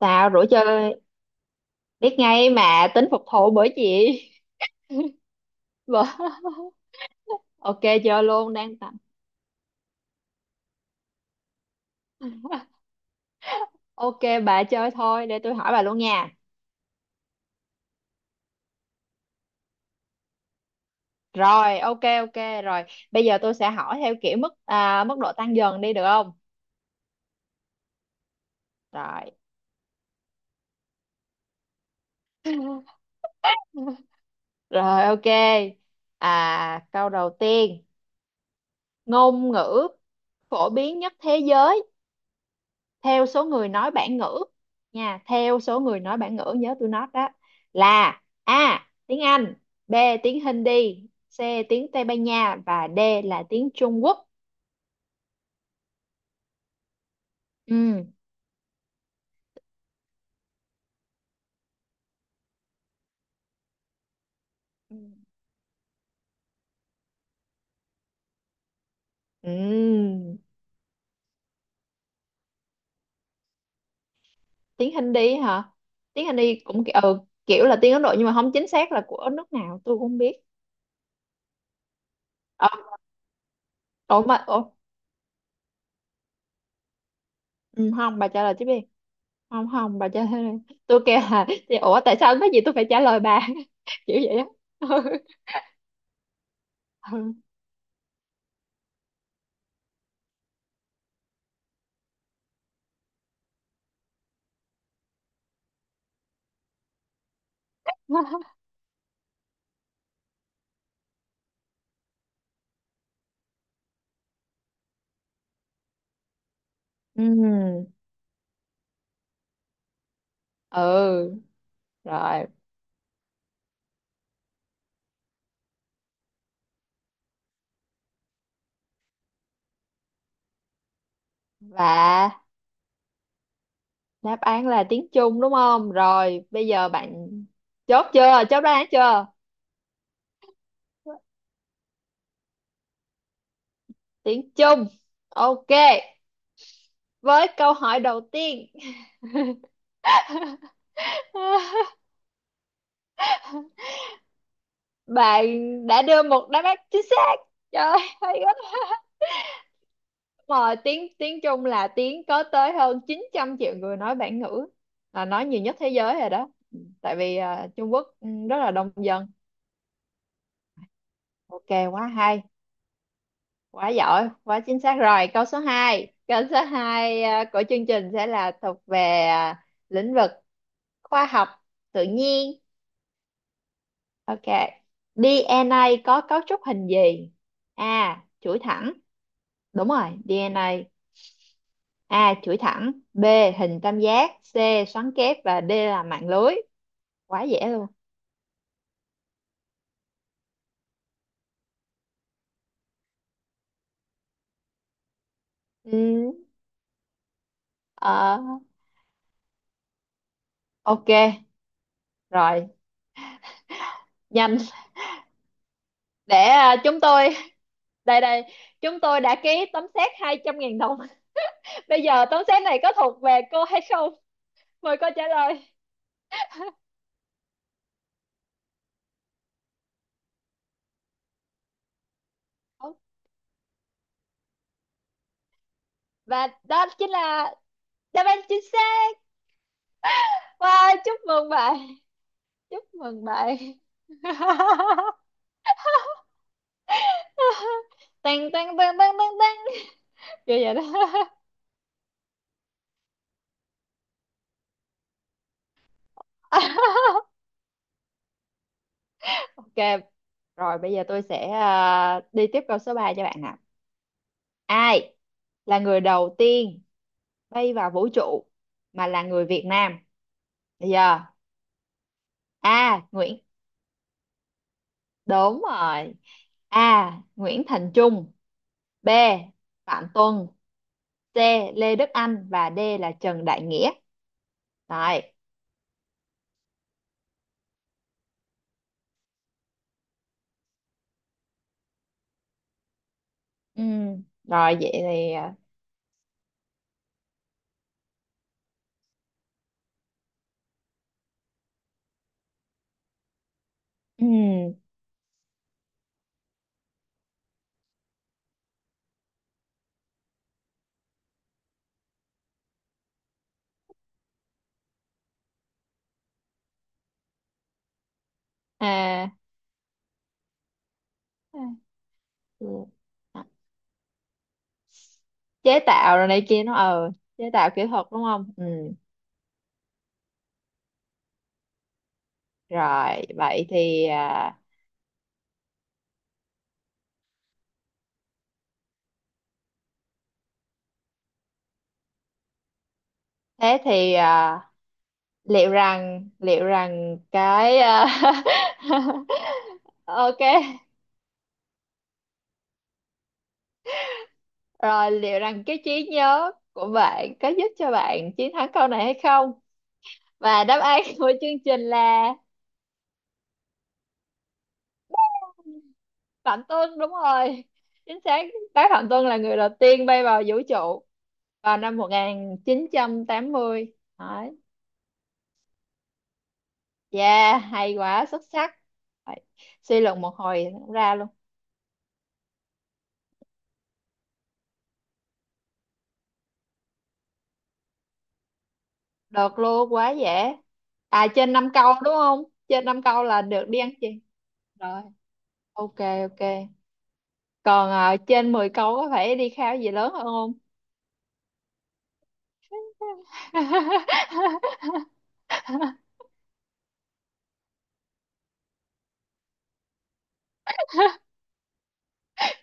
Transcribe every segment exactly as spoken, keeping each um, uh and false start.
Sao rủ chơi biết ngay mà tính phục thù bởi chị. Vợ. Ok chơi luôn đang tặng. Ok bà chơi thôi để tôi hỏi bà luôn nha. Rồi ok ok rồi. Bây giờ tôi sẽ hỏi theo kiểu mức à, mức độ tăng dần đi được không? Rồi. Rồi ok. à, Câu đầu tiên. Ngôn ngữ phổ biến nhất thế giới theo số người nói bản ngữ nha, theo số người nói bản ngữ, nhớ tôi nói đó, là A tiếng Anh, B tiếng Hindi, C tiếng Tây Ban Nha và D là tiếng Trung Quốc. ừ. Ừ. Ừ. Tiếng Hindi hả? Tiếng Hindi cũng ki- ừ, kiểu là tiếng Ấn Độ nhưng mà không chính xác là của nước nào tôi cũng không biết. ờ, Ủa mà ủa, ừ, không, bà trả lời tiếp đi. Không không, bà trả lời đi. Tôi kêu là thì ủa tại sao cái gì tôi phải trả lời bà. Kiểu vậy á. Ừ. ừ. Ừ, ừ, rồi. Và đáp án là tiếng Trung đúng không? Rồi, bây giờ bạn chốt chưa? Chốt đáp án chưa? Tiếng Trung. Ok, với câu hỏi đầu tiên. Bạn đã đưa một đáp án chính xác. Trời ơi, hay quá. Mà tiếng tiếng Trung là tiếng có tới hơn chín trăm triệu người nói bản ngữ, là nói nhiều nhất thế giới rồi đó. Tại vì à, Trung Quốc ừ, rất là đông dân. Ok, quá hay, quá giỏi, quá chính xác rồi. Câu số hai, câu số hai ờ, của chương trình sẽ là thuộc về à, lĩnh vực khoa học tự nhiên. Ok, đê en a có cấu trúc hình gì? A chuỗi thẳng. Đúng rồi, DNA. A. A chuỗi thẳng. B hình tam giác. C xoắn kép. Và D là mạng lưới. Quá dễ luôn. ừ, ờ, ok rồi, nhanh để à, chúng tôi đây, đây chúng tôi đã ký tấm séc hai trăm nghìn đồng. Bây giờ tấm xét này có thuộc về cô hay không? Mời cô trả lời. Và đó chính là đáp án chính xác. Wow, chúc mừng bạn. Chúc mừng bạn. Tăng tăng tăng tăng tăng tăng. Kiểu vậy đó. Ok, rồi bây giờ tôi sẽ à, đi tiếp câu số ba cho bạn nè. Ai là người đầu tiên bay vào vũ trụ mà là người Việt Nam? Bây giờ A, Nguyễn. Đúng rồi. A. Nguyễn Thành Trung. B. Phạm Tuân. C. Lê Đức Anh và D là Trần Đại Nghĩa. Rồi. Ừm, rồi vậy thì à, ừm, à, ừ, à, chế tạo rồi này kia nó ờ chế tạo kỹ thuật đúng không? Ừ. Rồi vậy thì à, thế thì à, liệu rằng, liệu rằng cái à, ok rồi, liệu rằng cái trí nhớ của bạn có giúp cho bạn chiến thắng câu này hay không? Và đáp án của chương trình là Phạm Tuân. Đúng rồi, chính xác. Bác Phạm Tuân là người đầu tiên bay vào vũ trụ vào năm một nghìn chín trăm tám mươi. Đấy. Yeah, hay quá, xuất sắc. Đấy. Suy luận một hồi cũng ra luôn. Được luôn, quá dễ. À, trên năm câu đúng không? Trên năm câu là được đi ăn chè. Rồi, ok ok. Còn ờ, trên mười câu có phải đi khao gì lớn hơn không?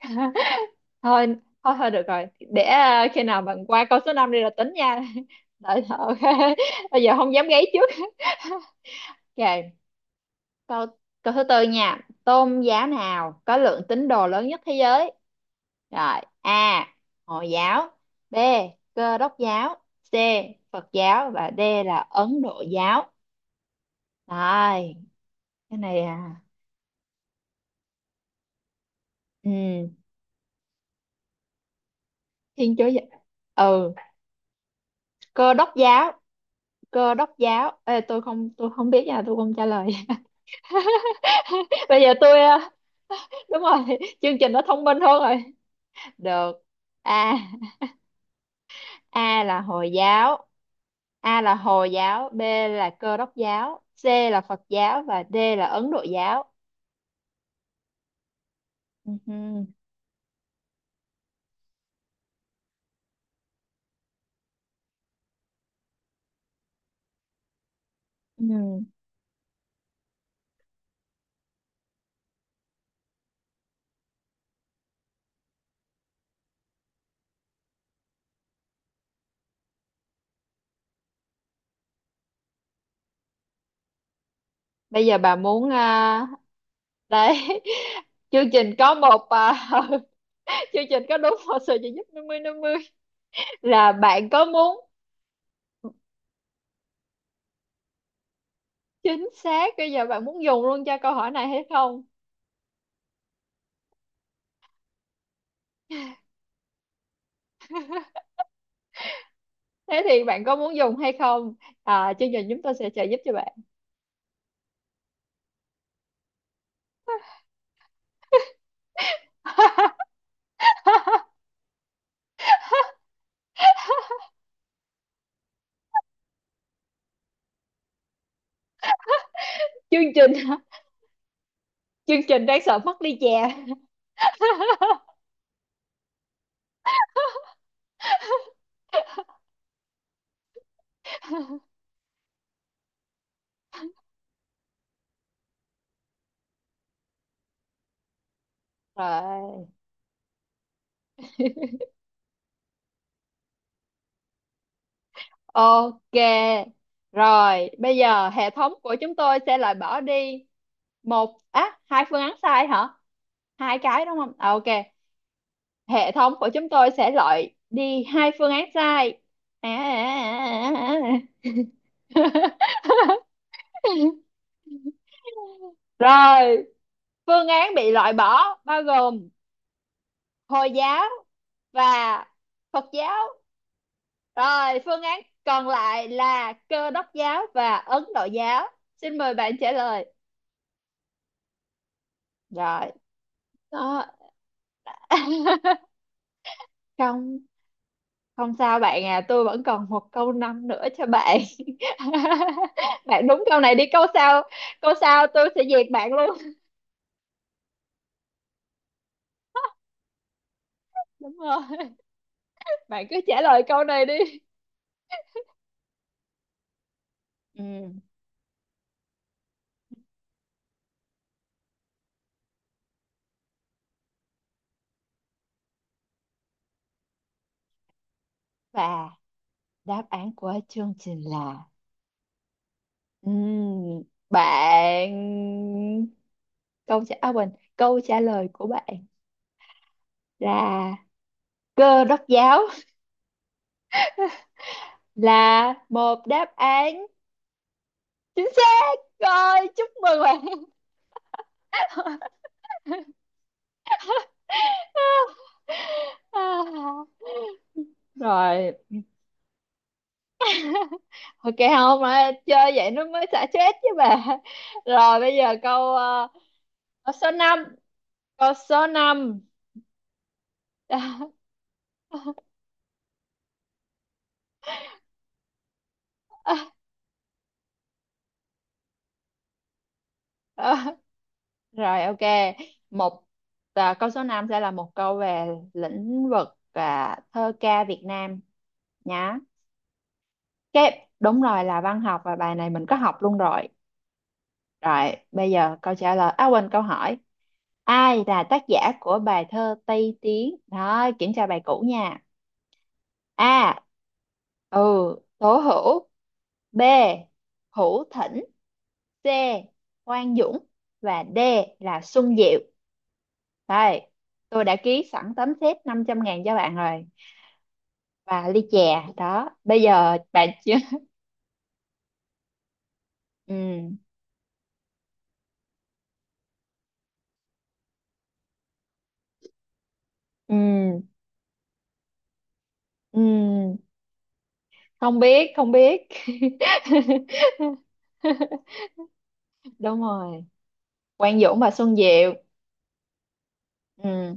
thôi thôi thôi, được rồi, để à, khi nào bạn qua câu số năm đi là tính nha. Tại ok, bây giờ không dám gáy trước. Ok. Câu câu thứ tư nha, tôn giáo nào có lượng tín đồ lớn nhất thế giới? Rồi. A hồi giáo, B cơ đốc giáo, C phật giáo và D là ấn độ giáo. Rồi, cái này à. ừ, Thiên chúa giáo. Ừ, cơ đốc giáo. Cơ đốc giáo. Ê, tôi không, tôi không biết nha, tôi không trả lời. Bây giờ tôi à, đúng rồi, chương trình nó thông minh hơn rồi. Được. A, A là hồi giáo. A là hồi giáo, B là cơ đốc giáo, C là phật giáo và D là ấn độ giáo. Ừ, ừ. Bây giờ bà muốn à, đấy. Chương trình có một à, chương trình có đúng một sự trợ giúp năm mươi năm mươi, là bạn có muốn? Chính xác, bây giờ bạn muốn dùng luôn cho câu hỏi này hay không? Thế thì bạn có muốn dùng hay không? À, chương trình chúng tôi sẽ trợ giúp cho bạn. Chương trình, chương trình đáng sợ mất đi chè. Rồi ok, rồi bây giờ hệ thống của chúng tôi sẽ loại bỏ đi một á hai phương án sai hả? Hai cái đúng không? À, ok, hệ thống của chúng tôi sẽ loại đi hai phương án sai. à, à, à, à. Rồi, phương án bị loại bỏ bao gồm Hồi giáo và Phật giáo. Rồi, phương án còn lại là Cơ đốc giáo và Ấn Độ giáo. Xin mời bạn trả lời. Rồi, đó. Không, không sao bạn à, tôi vẫn còn một câu năm nữa cho bạn. Bạn đúng câu này đi, câu sau, câu sau tôi sẽ diệt bạn luôn. Đúng rồi, bạn cứ trả lời câu này đi. Ừ. Và đáp án của chương trình là Ừm, bạn câu trả à, quên câu trả lời của bạn là cơ đốc giáo, là một đáp án chính xác rồi, chúc mừng bạn. À, rồi ok, không mà chơi vậy nó mới xả stress chứ bà. Rồi bây giờ câu ờ, câu số năm câu số năm Rồi ok, một à, câu số năm sẽ là một câu về lĩnh vực à, thơ ca Việt Nam nhá. Cái đúng rồi là văn học, và bài này mình có học luôn rồi. Rồi, bây giờ câu trả lời à quên câu hỏi. Ai là tác giả của bài thơ Tây Tiến? Đó, kiểm tra bài cũ nha. A, Ừ, Tố Hữu. B, Hữu Thỉnh. C, Quang Dũng và D là Xuân Diệu. Đây, tôi đã ký sẵn tấm séc năm trăm ngàn cho bạn rồi. Và ly chè, đó. Bây giờ bạn chưa... Ừ, ừ, ừ. Không biết, không biết. Đúng rồi. Quang Dũng và Xuân Diệu. Ừ,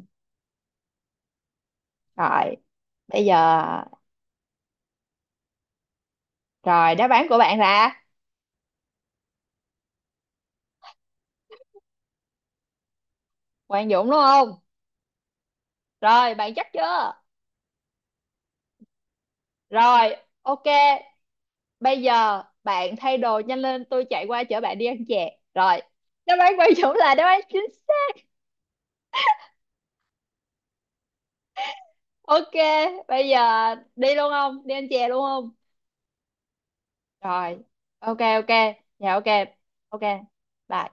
rồi. Bây giờ... Rồi, đáp án của bạn là Quang Dũng đúng không? Rồi, bạn chắc chưa? Rồi, ok. Bây giờ bạn thay đồ nhanh lên, tôi chạy qua chở bạn đi ăn chè. Rồi, đáp án Quang Dũng là đáp án chính. Ok, bây giờ đi luôn không? Đi ăn chè luôn không? Rồi, ok ok, dạ ok, ok, bye.